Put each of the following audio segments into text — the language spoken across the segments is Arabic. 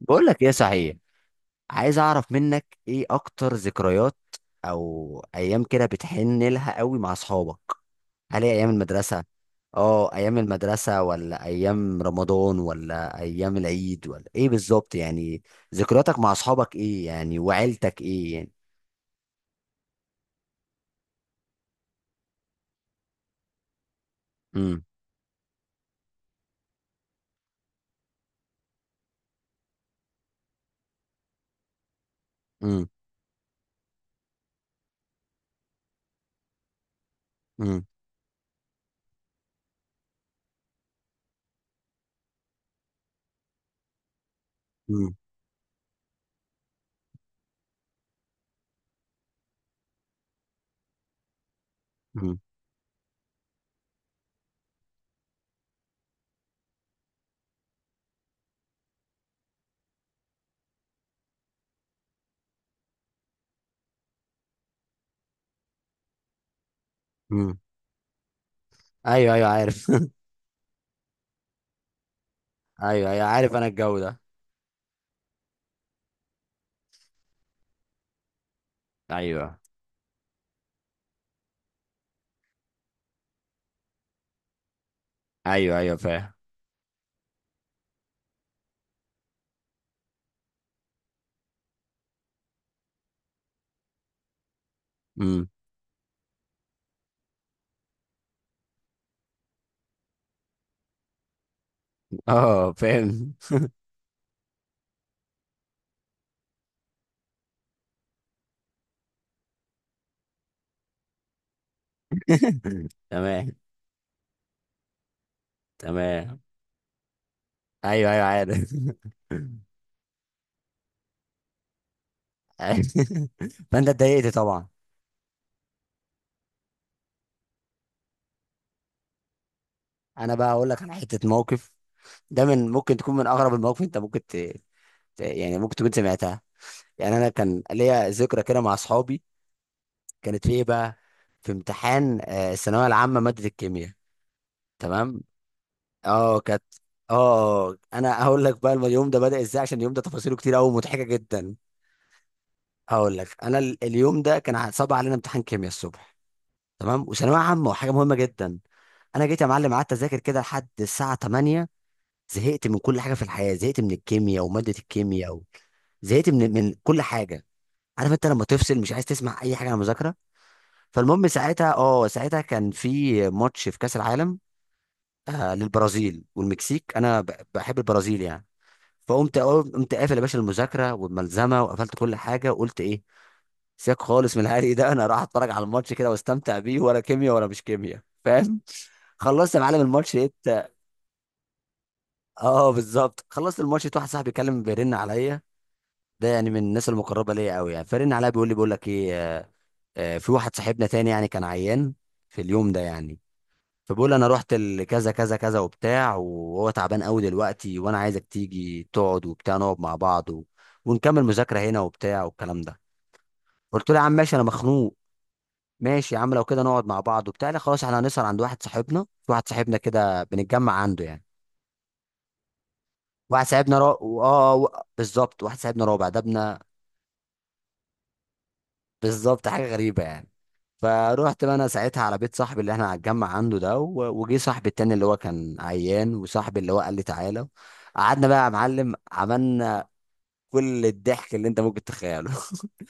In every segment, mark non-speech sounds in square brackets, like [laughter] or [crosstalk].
بقول لك ايه صحيح. عايز اعرف منك ايه اكتر ذكريات او ايام كده بتحن لها قوي مع اصحابك؟ هل هي ايام المدرسه؟ اه، ايام المدرسه ولا ايام رمضان ولا ايام العيد ولا ايه بالظبط يعني؟ ذكرياتك مع اصحابك ايه يعني وعيلتك ايه يعني؟ امم. امم. امم. امم. امم. أمم. ايوه ايوه عارف. [laughs] ايوه ايوه عارف انا الجو ده. ايوه ايوه ايوه فاهم. امم. اه فاهم. [laughs] تمام. تمام. ايوه ايوه عارف. [laughs] عارف. فانت اتضايقت طبعا. انا بقى اقول لك على حته موقف، ده من ممكن تكون من اغرب المواقف، انت ممكن يعني ممكن تكون سمعتها. يعني انا كان ليا ذكرى كده مع اصحابي. كانت في ايه بقى؟ في امتحان الثانويه العامه ماده الكيمياء. تمام. اه كانت. اه انا هقول لك بقى اليوم ده بدأ ازاي، عشان اليوم ده تفاصيله كتير قوي مضحكه جدا. هقول لك انا اليوم ده كان صعب علينا امتحان كيمياء الصبح. تمام، وثانويه عامه وحاجه مهمه جدا. انا جيت يا معلم قعدت اذاكر كده لحد الساعه 8. زهقت من كل حاجه في الحياه، زهقت من الكيمياء وماده الكيمياء و... زهقت من كل حاجه. عارف انت لما تفصل مش عايز تسمع اي حاجه عن المذاكره. فالمهم ساعتها اه ساعتها كان في ماتش في كاس العالم، آه، للبرازيل والمكسيك. انا بحب البرازيل يعني. فقمت قافل يا باشا المذاكره والملزمه، وقفلت كل حاجه وقلت ايه، سيبك خالص من العادي ده، انا راح اتفرج على الماتش كده واستمتع بيه، ولا كيمياء ولا مش كيمياء فاهم. خلصت يا معلم الماتش، لقيت. اه بالظبط، خلصت الماتش لقيت واحد صاحبي بيتكلم بيرن عليا. ده يعني من الناس المقربه ليا قوي يعني. فرن عليا بيقول لي، بيقول لك ايه في واحد صاحبنا تاني يعني كان عيان في اليوم ده يعني. فبقول انا رحت لكذا كذا كذا وبتاع، وهو تعبان قوي دلوقتي، وانا عايزك تيجي تقعد وبتاع، نقعد مع بعض و... ونكمل مذاكره هنا وبتاع والكلام ده. قلت له يا عم ماشي انا مخنوق، ماشي يا عم لو كده نقعد مع بعض وبتاع. لا خلاص احنا هنسهر عند واحد صاحبنا، في واحد صاحبنا كده بنتجمع عنده يعني. واحد صاحبنا بالظبط واحد صاحبنا رابع ده ابنا. بالظبط، حاجه غريبه يعني. فروحت بقى انا ساعتها على بيت صاحبي اللي احنا هنتجمع عنده ده، و... وجي صاحبي التاني اللي هو كان عيان، وصاحبي اللي هو قال لي تعالى. قعدنا بقى يا معلم، عملنا كل الضحك اللي انت ممكن تتخيله. [laughs]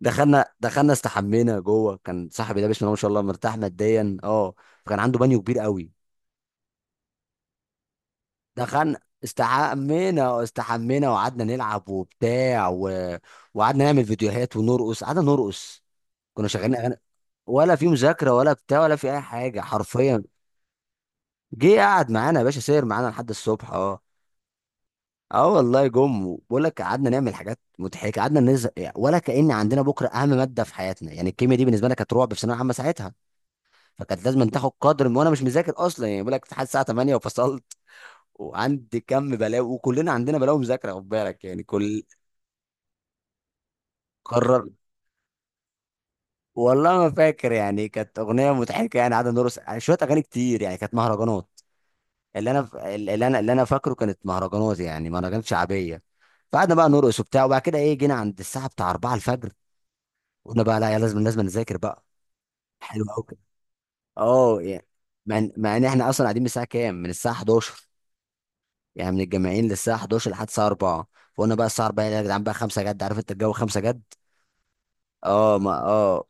دخلنا استحمينا جوه. كان صاحبي ده بسم الله ما شاء الله مرتاح ماديا اه، فكان عنده بانيو كبير قوي. دخلنا استحمينا واستحمينا، وقعدنا نلعب وبتاع و... وقعدنا نعمل فيديوهات ونرقص. قعدنا نرقص، كنا شغالين اغاني، ولا في مذاكره ولا بتاع ولا في اي حاجه حرفيا. جه قعد معانا يا باشا، سير معانا لحد الصبح اه. اه والله جم. بقول لك قعدنا نعمل حاجات مضحكه، قعدنا نزق يعني، ولا كأن عندنا بكره اهم ماده في حياتنا. يعني الكيمياء دي بالنسبه لنا كانت رعب في ثانويه عامه ساعتها. فكانت لازم تاخد قدر، وانا مش مذاكر اصلا. يعني بقول لك امتحان الساعه 8 وفصلت، وعندي كم بلاوي وكلنا عندنا بلاوي مذاكره خد بالك يعني كل. قرر. والله ما فاكر، يعني كانت اغنيه مضحكه يعني، قعدنا نرقص يعني شويه، اغاني كتير يعني، كانت مهرجانات. اللي انا ف- اللي انا اللي انا فاكره كانت مهرجانات، يعني مهرجانات شعبيه. فقعدنا بقى نرقص وبتاع، وبعد كده ايه جينا عند الساعه بتاع 4 الفجر. قلنا بقى لا يا لازم نذاكر بقى. حلو قوي كده. اه يعني مع ان احنا اصلا قاعدين من الساعه كام، من الساعه 11، يعني من الجامعين للساعه 11 لحد الساعه 4. فقلنا بقى الساعه 4 يا جدعان بقى 5 جد. عارف انت الجو، 5 جد. اه ما اه،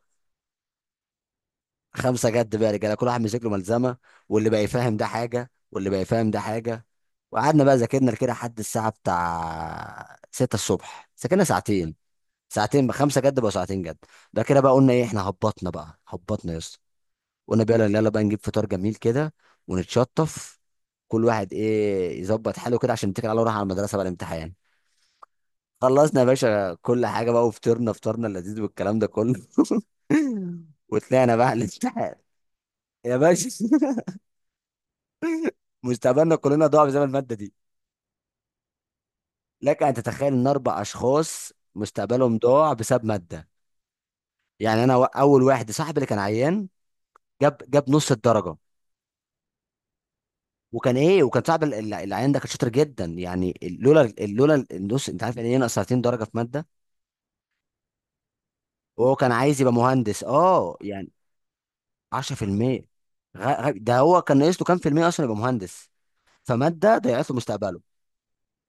خمسه جد بقى رجاله، كل واحد مسك له ملزمه، واللي بقى يفهم ده حاجه واللي بقى يفهم ده حاجه. وقعدنا بقى ذاكرنا كده لحد الساعه بتاع 6 الصبح. ذاكرنا ساعتين. ساعتين بقى خمسه جد بقى ساعتين جد. ده كده بقى قلنا ايه، احنا هبطنا بقى، هبطنا يا اسطى. قلنا بقى يلا يلا بقى نجيب فطار جميل كده ونتشطف، كل واحد ايه يظبط حاله كده عشان نتكل على الله ونروح على المدرسه بقى الامتحان. خلصنا يا باشا كل حاجه بقى، وفطرنا فطارنا اللذيذ والكلام ده كله. [laughs] وطلعنا بقى الامتحان، يا باشا. [laughs] مستقبلنا كلنا ضاع بسبب المادة دي. لك أن تتخيل إن أربع أشخاص مستقبلهم ضاع بسبب مادة. يعني أنا أول واحد صاحبي اللي كان عيان، جاب نص الدرجة. وكان إيه، وكان صاحب العيان ده كان شاطر جدا. يعني لولا لولا النص أنت عارف يعني إيه، ناقص 30 درجة في مادة. وهو كان عايز يبقى مهندس أه يعني 10%. ده هو كان ناقص له كام في المية أصلا يبقى مهندس؟ فمادة ضيعت له مستقبله.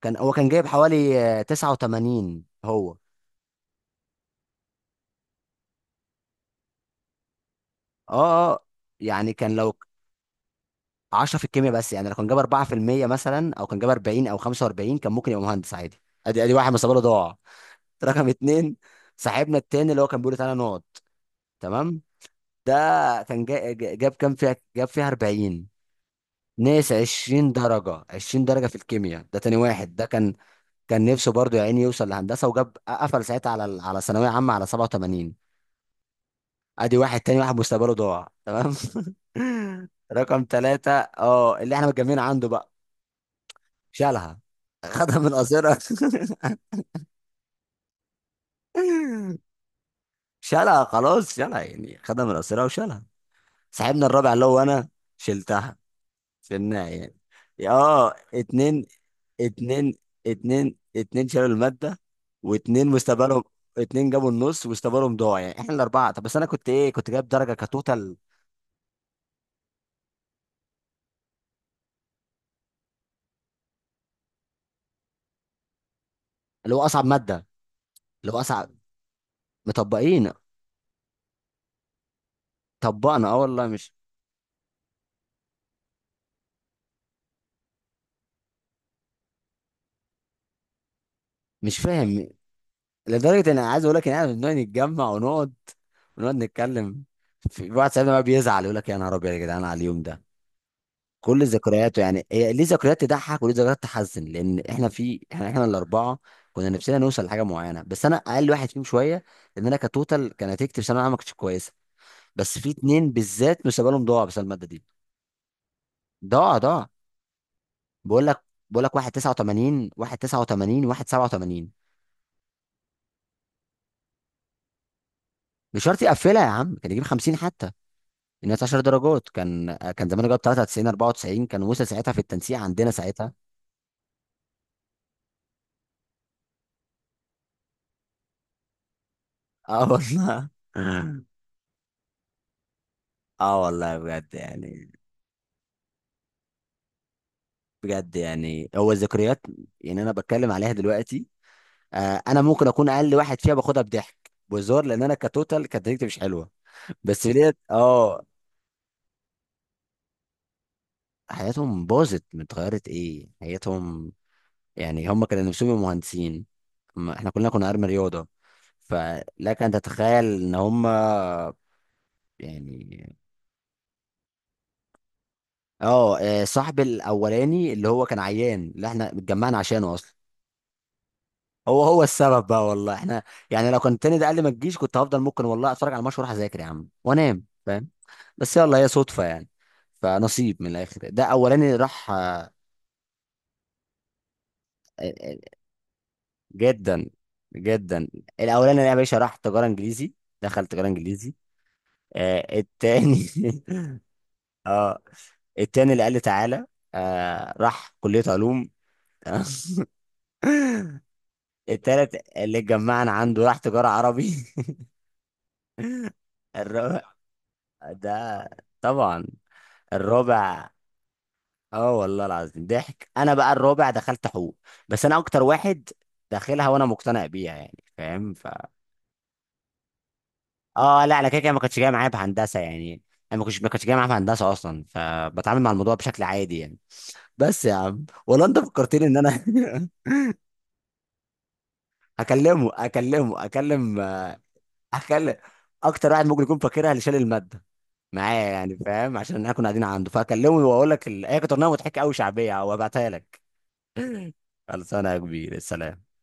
كان هو كان جايب حوالي 89 هو. اه اه، يعني كان لو 10 في الكيمياء بس، يعني لو كان جاب 4% مثلا او كان جاب 40 او 45، كان ممكن يبقى مهندس عادي. ادي ادي واحد مصابه له ضاع. [laughs] رقم اتنين، صاحبنا التاني اللي هو كان بيقول لي تعالى نقعد. تمام. ده كان جاب كام فيها، جاب فيها 40. ناس 20 درجه، 20 درجه في الكيمياء. ده تاني واحد ده، كان نفسه برضه يا عيني يوصل لهندسه، وجاب قفل ساعتها على على ثانويه عامه على 87. ادي واحد تاني، واحد مستقبله ضاع، تمام. [laughs] رقم ثلاثة اه، اللي احنا متجمعين عنده بقى. شالها، خدها من قصيرة. [laughs] شالها خلاص، شالها يعني، خدها من قصيرة وشالها. صاحبنا الرابع اللي هو انا، شلتها. شلناها يعني. اه اتنين، اتنين. اتنين اتنين شالوا المادة، واتنين مستقبلهم. اتنين جابوا النص ومستقبلهم ضاع يعني. احنا الاربعة، طب بس انا كنت ايه كنت جايب درجة كتوتال. اللي هو اصعب مادة. اللي هو اصعب، مطبقين. طبقنا. اه والله مش فاهم. لدرجه ان انا عايز اقول لك ان احنا بنقعد نتجمع ونقعد، ونقعد نتكلم. في واحد صاحبنا بقى بيزعل يقول لك، يا نهار ابيض يا جدعان على اليوم ده. كل ذكرياته يعني، هي ليه ذكريات تضحك وليه ذكريات تحزن، لان احنا في احنا احنا الاربعه كنا نفسنا نوصل لحاجه معينه، بس انا اقل واحد فيهم شويه، لان انا كتوتال كان نتيجتي في ثانويه عامه ما كانتش كويسه. بس في اتنين بالذات مستقبلهم ضاع بسبب الماده دي. ضاع. بقول لك بقول لك واحد 89، واحد 89 واحد 87. مش شرط يقفلها يا عم، كان يجيب 50 حتى. الناس 10 درجات، كان زمان جاب 93 94، كان وصل ساعتها في التنسيق عندنا ساعتها. اه والله. [laughs] اه والله بجد يعني. بجد يعني، هو الذكريات، يعني انا بتكلم عليها دلوقتي. انا ممكن اكون اقل واحد فيها، باخدها بضحك بهزار، لان انا كتوتال كانت نتيجتي مش حلوه. بس ديت اه. حياتهم باظت، اتغيرت ايه حياتهم. يعني هم كانوا نفسهم يبقوا مهندسين، ما احنا كلنا كنا ارمي رياضه. فلك ان تتخيل ان هم يعني اه صاحب الاولاني اللي هو كان عيان اللي احنا اتجمعنا عشانه اصلا. هو هو السبب بقى والله. احنا يعني لو كان التاني ده قال لي ما تجيش كنت هفضل ممكن والله اتفرج على الماتش واروح اذاكر يا عم وانام فاهم. بس يلا، هي صدفه يعني. فنصيب من الاخر ده اولاني راح آه، جدا. جدا. الاولاني ده يا باشا راح تجاره انجليزي، دخل تجاره انجليزي. آه التاني. [laughs] اه التاني اللي قال لي تعالى، آه راح كليه علوم. [laughs] التالت اللي اتجمعنا عنده راح تجارة عربي. [laughs] الرابع ده طبعا، الرابع اه والله العظيم ضحك. انا بقى الرابع دخلت حقوق، بس انا اكتر واحد داخلها وانا مقتنع بيها يعني فاهم ف. اه لا، انا كده كده ما كنتش جاي معايا بهندسة يعني. انا ما كنتش جاي معايا بهندسة اصلا، فبتعامل مع الموضوع بشكل عادي يعني. بس يا عم والله انت فكرتني ان انا. [laughs] هكلمه اكلمه اكلم اكلم اكتر واحد ممكن يكون فاكرها، اللي شال المادة معايا يعني فاهم، عشان احنا كنا قاعدين عنده. فاكلمه واقول لك هي كانت اغنيه مضحكه قوي شعبيه وابعتها لك. [laughs] خلصانه يا كبير، السلام.